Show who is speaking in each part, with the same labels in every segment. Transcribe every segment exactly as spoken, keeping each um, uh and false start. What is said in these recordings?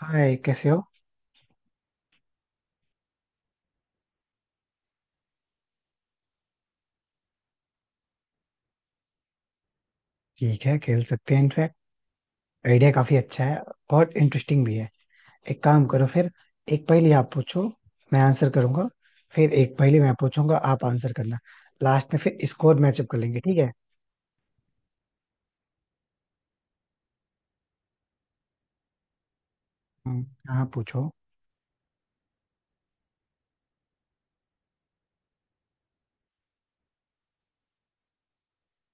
Speaker 1: हाय, कैसे हो? ठीक है, खेल सकते हैं। इनफैक्ट आइडिया काफी अच्छा है और इंटरेस्टिंग भी है। एक काम करो फिर, एक पहेली आप पूछो, मैं आंसर करूंगा। फिर एक पहेली मैं पूछूंगा, आप आंसर करना। लास्ट में फिर स्कोर मैचअप कर लेंगे, ठीक है। हम्म, हाँ, पूछो।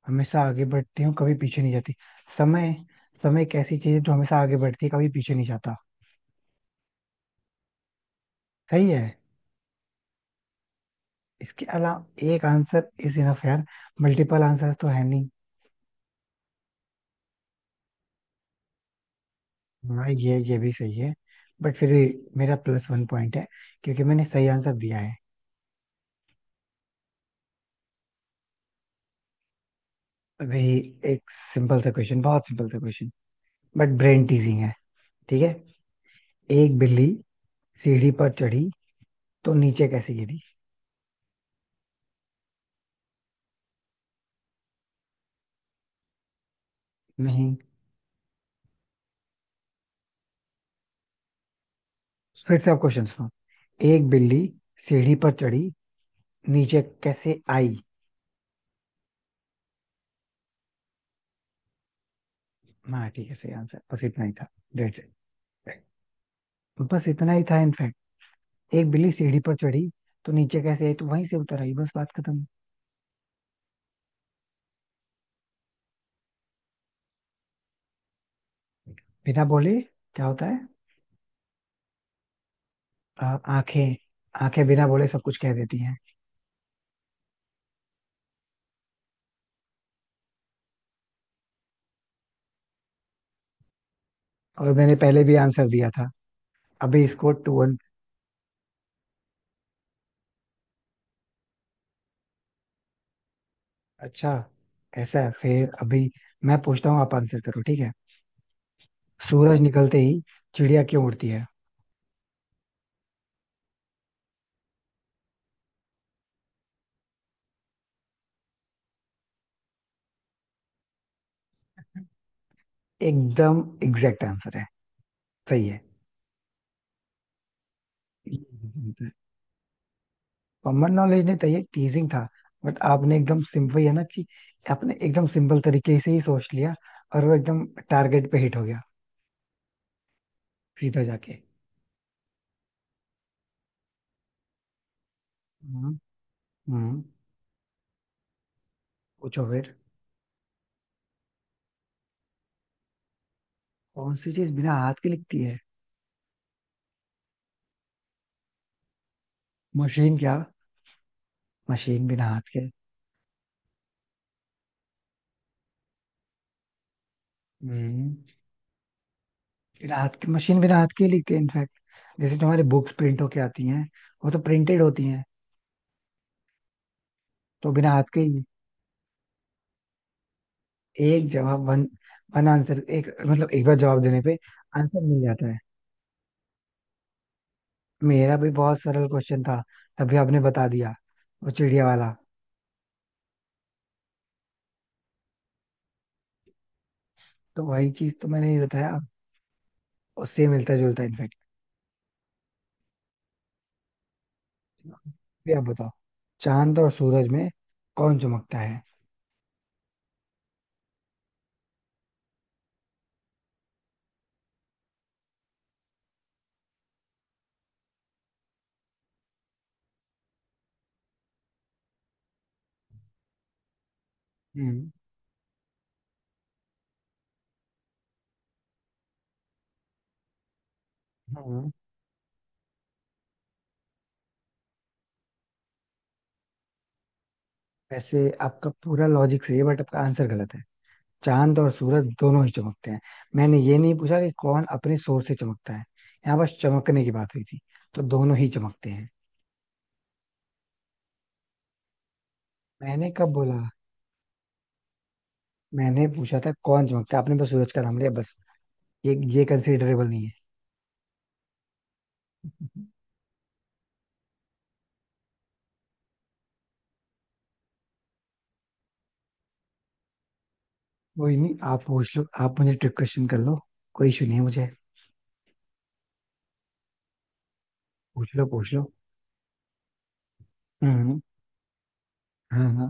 Speaker 1: हमेशा आगे बढ़ती हूँ, कभी पीछे नहीं जाती। समय। समय एक ऐसी चीज है जो हमेशा आगे बढ़ती है, कभी पीछे नहीं जाता। सही है। इसके अलावा एक आंसर इज इनफ, यार। मल्टीपल आंसर तो है नहीं। हाँ, ये ये भी सही है। बट फिर भी मेरा प्लस वन पॉइंट है, क्योंकि मैंने सही आंसर दिया है। अभी एक सिंपल सा क्वेश्चन, बहुत सिंपल सा क्वेश्चन, बट ब्रेन टीजिंग है। ठीक है। एक बिल्ली सीढ़ी पर चढ़ी, तो नीचे कैसे गिरी? नहीं। फिर से आप क्वेश्चन सुनो। एक बिल्ली सीढ़ी पर चढ़ी, नीचे कैसे आई? हाँ, ठीक है, सही आंसर, बस इतना ही था। That's it. बस इतना ही था इनफैक्ट। एक बिल्ली सीढ़ी पर चढ़ी, तो नीचे कैसे आई, तो वहीं से उतर आई, बस बात खत्म। बिना बोले क्या होता है? आ- आंखें। आंखें बिना बोले सब कुछ कह देती हैं। और मैंने पहले भी आंसर दिया था। अभी इसको टू वन। अच्छा, ऐसा है फिर। अभी मैं पूछता हूँ, आप आंसर करो, ठीक है। सूरज निकलते ही चिड़िया क्यों उड़ती है? एकदम एग्जैक्ट आंसर है। सही है। कॉमन नॉलेज नहीं था, ये टीजिंग था। बट आपने एकदम सिंपल है ना कि, आपने एकदम सिंपल तरीके से ही सोच लिया और वो एकदम टारगेट पे हिट हो गया, सीधा जाके। हम्म। हम्म। पूछो फिर। कौन सी चीज बिना हाथ के लिखती है? मशीन क्या? मशीन बिना हाथ के। हम्म। बिना हाथ के, मशीन बिना हाथ के ही लिखते हैं इनफैक्ट। जैसे जो हमारी बुक्स प्रिंट होके आती हैं, वो तो प्रिंटेड होती हैं। तो बिना हाथ के ही एक जवाब, वन, वन आंसर, एक मतलब एक बार जवाब देने पे आंसर मिल जाता है। मेरा भी बहुत सरल क्वेश्चन था, तभी आपने बता दिया, वो चिड़िया वाला। तो वही चीज तो मैंने ही बताया, उससे मिलता जुलता इनफैक्ट। भी आप बताओ। चांद और सूरज में कौन चमकता है? हम्म। हाँ। वैसे आपका पूरा लॉजिक सही है, बट आपका आंसर गलत है। चांद और सूरज दोनों ही चमकते हैं। मैंने ये नहीं पूछा कि कौन अपने सोर से चमकता है, यहाँ बस चमकने की बात हुई थी, तो दोनों ही चमकते हैं। मैंने कब बोला? मैंने पूछा था कौन चमकता है, आपने बस सूरज का नाम लिया, बस। ये ये कंसिडरेबल नहीं है। कोई नहीं, आप पूछ लो, आप मुझे ट्रिक क्वेश्चन कर लो, कोई इशू नहीं है मुझे। पूछ लो, पूछ लो। हम्म। हाँ, हाँ।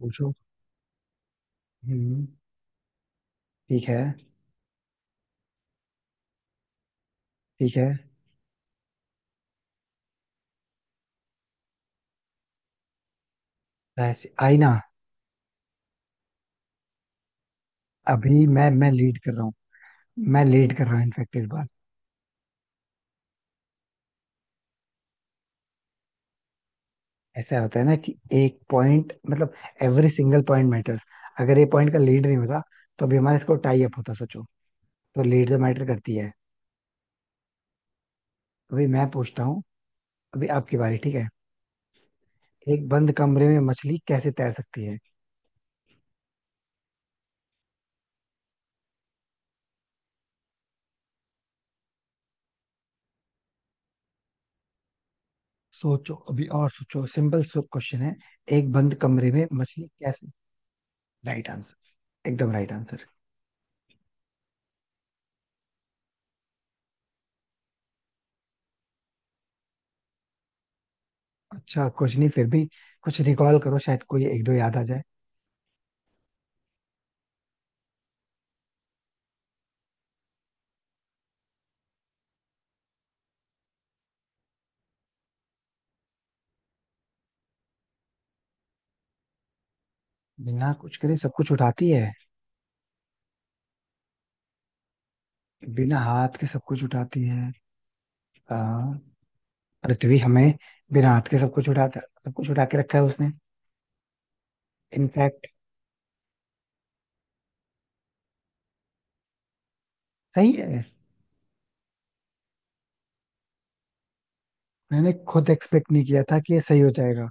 Speaker 1: पूछो। हम्म। ठीक है। ठीक है। वैसे आईना। अभी मैं मैं लीड कर रहा हूँ। मैं लीड कर रहा हूँ इनफैक्ट इस बार। ऐसा होता है ना कि एक पॉइंट मतलब एवरी सिंगल पॉइंट मैटर्स। अगर ये पॉइंट का लीड नहीं होता, तो अभी हमारा स्कोर टाई अप होता, सोचो। तो लीड तो मैटर करती है। अभी मैं पूछता हूँ, अभी आपकी बारी, ठीक है। एक बंद कमरे में मछली कैसे तैर सकती है? सोचो अभी और सोचो, सिंपल क्वेश्चन है। एक बंद कमरे में मछली कैसे? राइट आंसर, एकदम राइट आंसर। अच्छा कुछ नहीं, फिर भी कुछ रिकॉल करो, शायद कोई एक दो याद आ जाए। बिना कुछ करे सब कुछ उठाती है, बिना हाथ के सब कुछ उठाती है। आ, पृथ्वी हमें बिना हाथ के सब कुछ उठाता, सब कुछ उठा के रखा है उसने। इनफैक्ट सही है। मैंने खुद एक्सपेक्ट नहीं किया था कि ये सही हो जाएगा।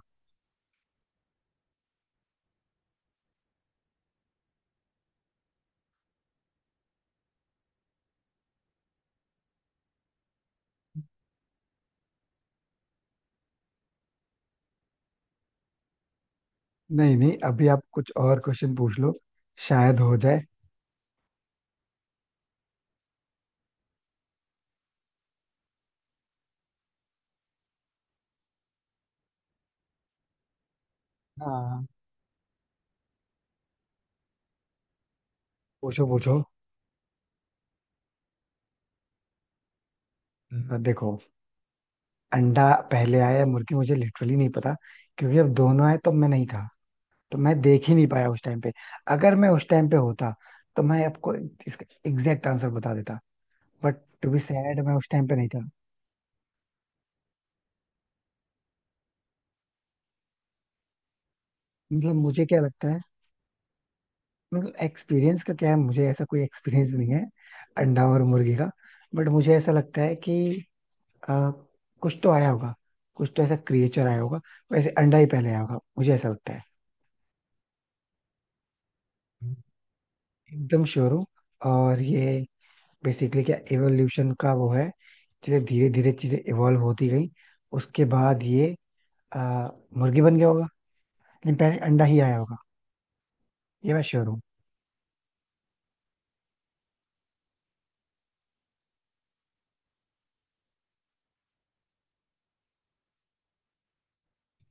Speaker 1: नहीं, नहीं, अभी आप कुछ और क्वेश्चन पूछ लो, शायद हो जाए। हाँ, पूछो, पूछो। अ, देखो, अंडा पहले आया या मुर्गी, मुझे लिटरली नहीं पता, क्योंकि जब दोनों आए तो मैं नहीं था, तो मैं देख ही नहीं पाया उस टाइम पे। अगर मैं उस टाइम पे होता, तो मैं आपको इसका एग्जैक्ट आंसर बता देता। बट टू बी सैड, मैं उस टाइम पे नहीं था। मतलब मुझे क्या लगता है? मतलब एक्सपीरियंस का क्या है, मुझे ऐसा कोई एक्सपीरियंस नहीं है अंडा और मुर्गी का। बट मुझे ऐसा लगता है कि अ, कुछ तो आया होगा, कुछ तो ऐसा क्रिएचर आया होगा। वैसे अंडा ही पहले आया होगा, मुझे ऐसा लगता है। एकदम श्योर हूँ। और ये बेसिकली क्या एवोल्यूशन का वो है, जैसे धीरे धीरे चीजें इवॉल्व होती गई, उसके बाद ये अ, मुर्गी बन गया होगा। लेकिन पहले अंडा ही आया होगा, ये मैं श्योर हूँ।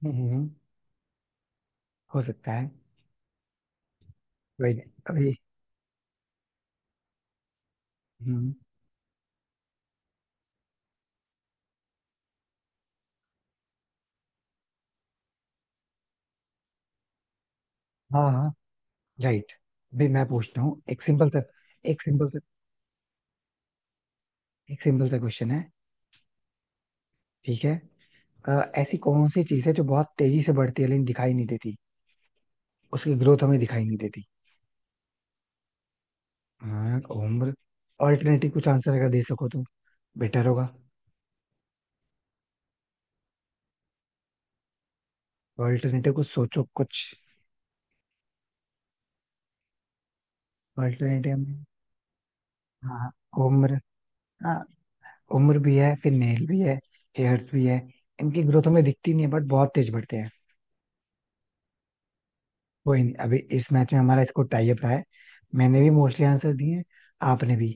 Speaker 1: हम्म, हम्म, हो सकता है। वही। अभी। हम्म। हाँ, हाँ। राइट। भाई मैं पूछता हूँ एक सिंपल सा, एक सिंपल सा, एक सिंपल सा क्वेश्चन है, ठीक है। अ, ऐसी कौन सी चीज है जो बहुत तेजी से बढ़ती है लेकिन दिखाई नहीं देती? उसकी ग्रोथ हमें दिखाई नहीं देती। हाँ, उम्र। ऑल्टरनेटिव कुछ आंसर अगर दे सको तो बेटर होगा। ऑल्टरनेटिव कुछ सोचो, कुछ ऑल्टरनेटिव में। हाँ, उम्र। हाँ, उम्र भी है फिर, नेल भी है, हेयर्स भी है। इनकी ग्रोथ हमें दिखती नहीं है, बट बहुत तेज बढ़ते हैं। कोई नहीं, अभी इस मैच में हमारा स्कोर टाई अप रहा है, मैंने भी मोस्टली आंसर दिए हैं, आपने भी।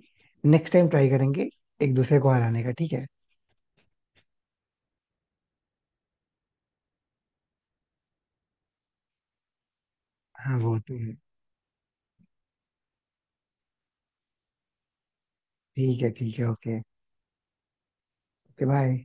Speaker 1: नेक्स्ट टाइम ट्राई करेंगे एक दूसरे को हराने का, ठीक है। हाँ, वो तो है। ठीक है, ठीक है, ओके। Okay, bye.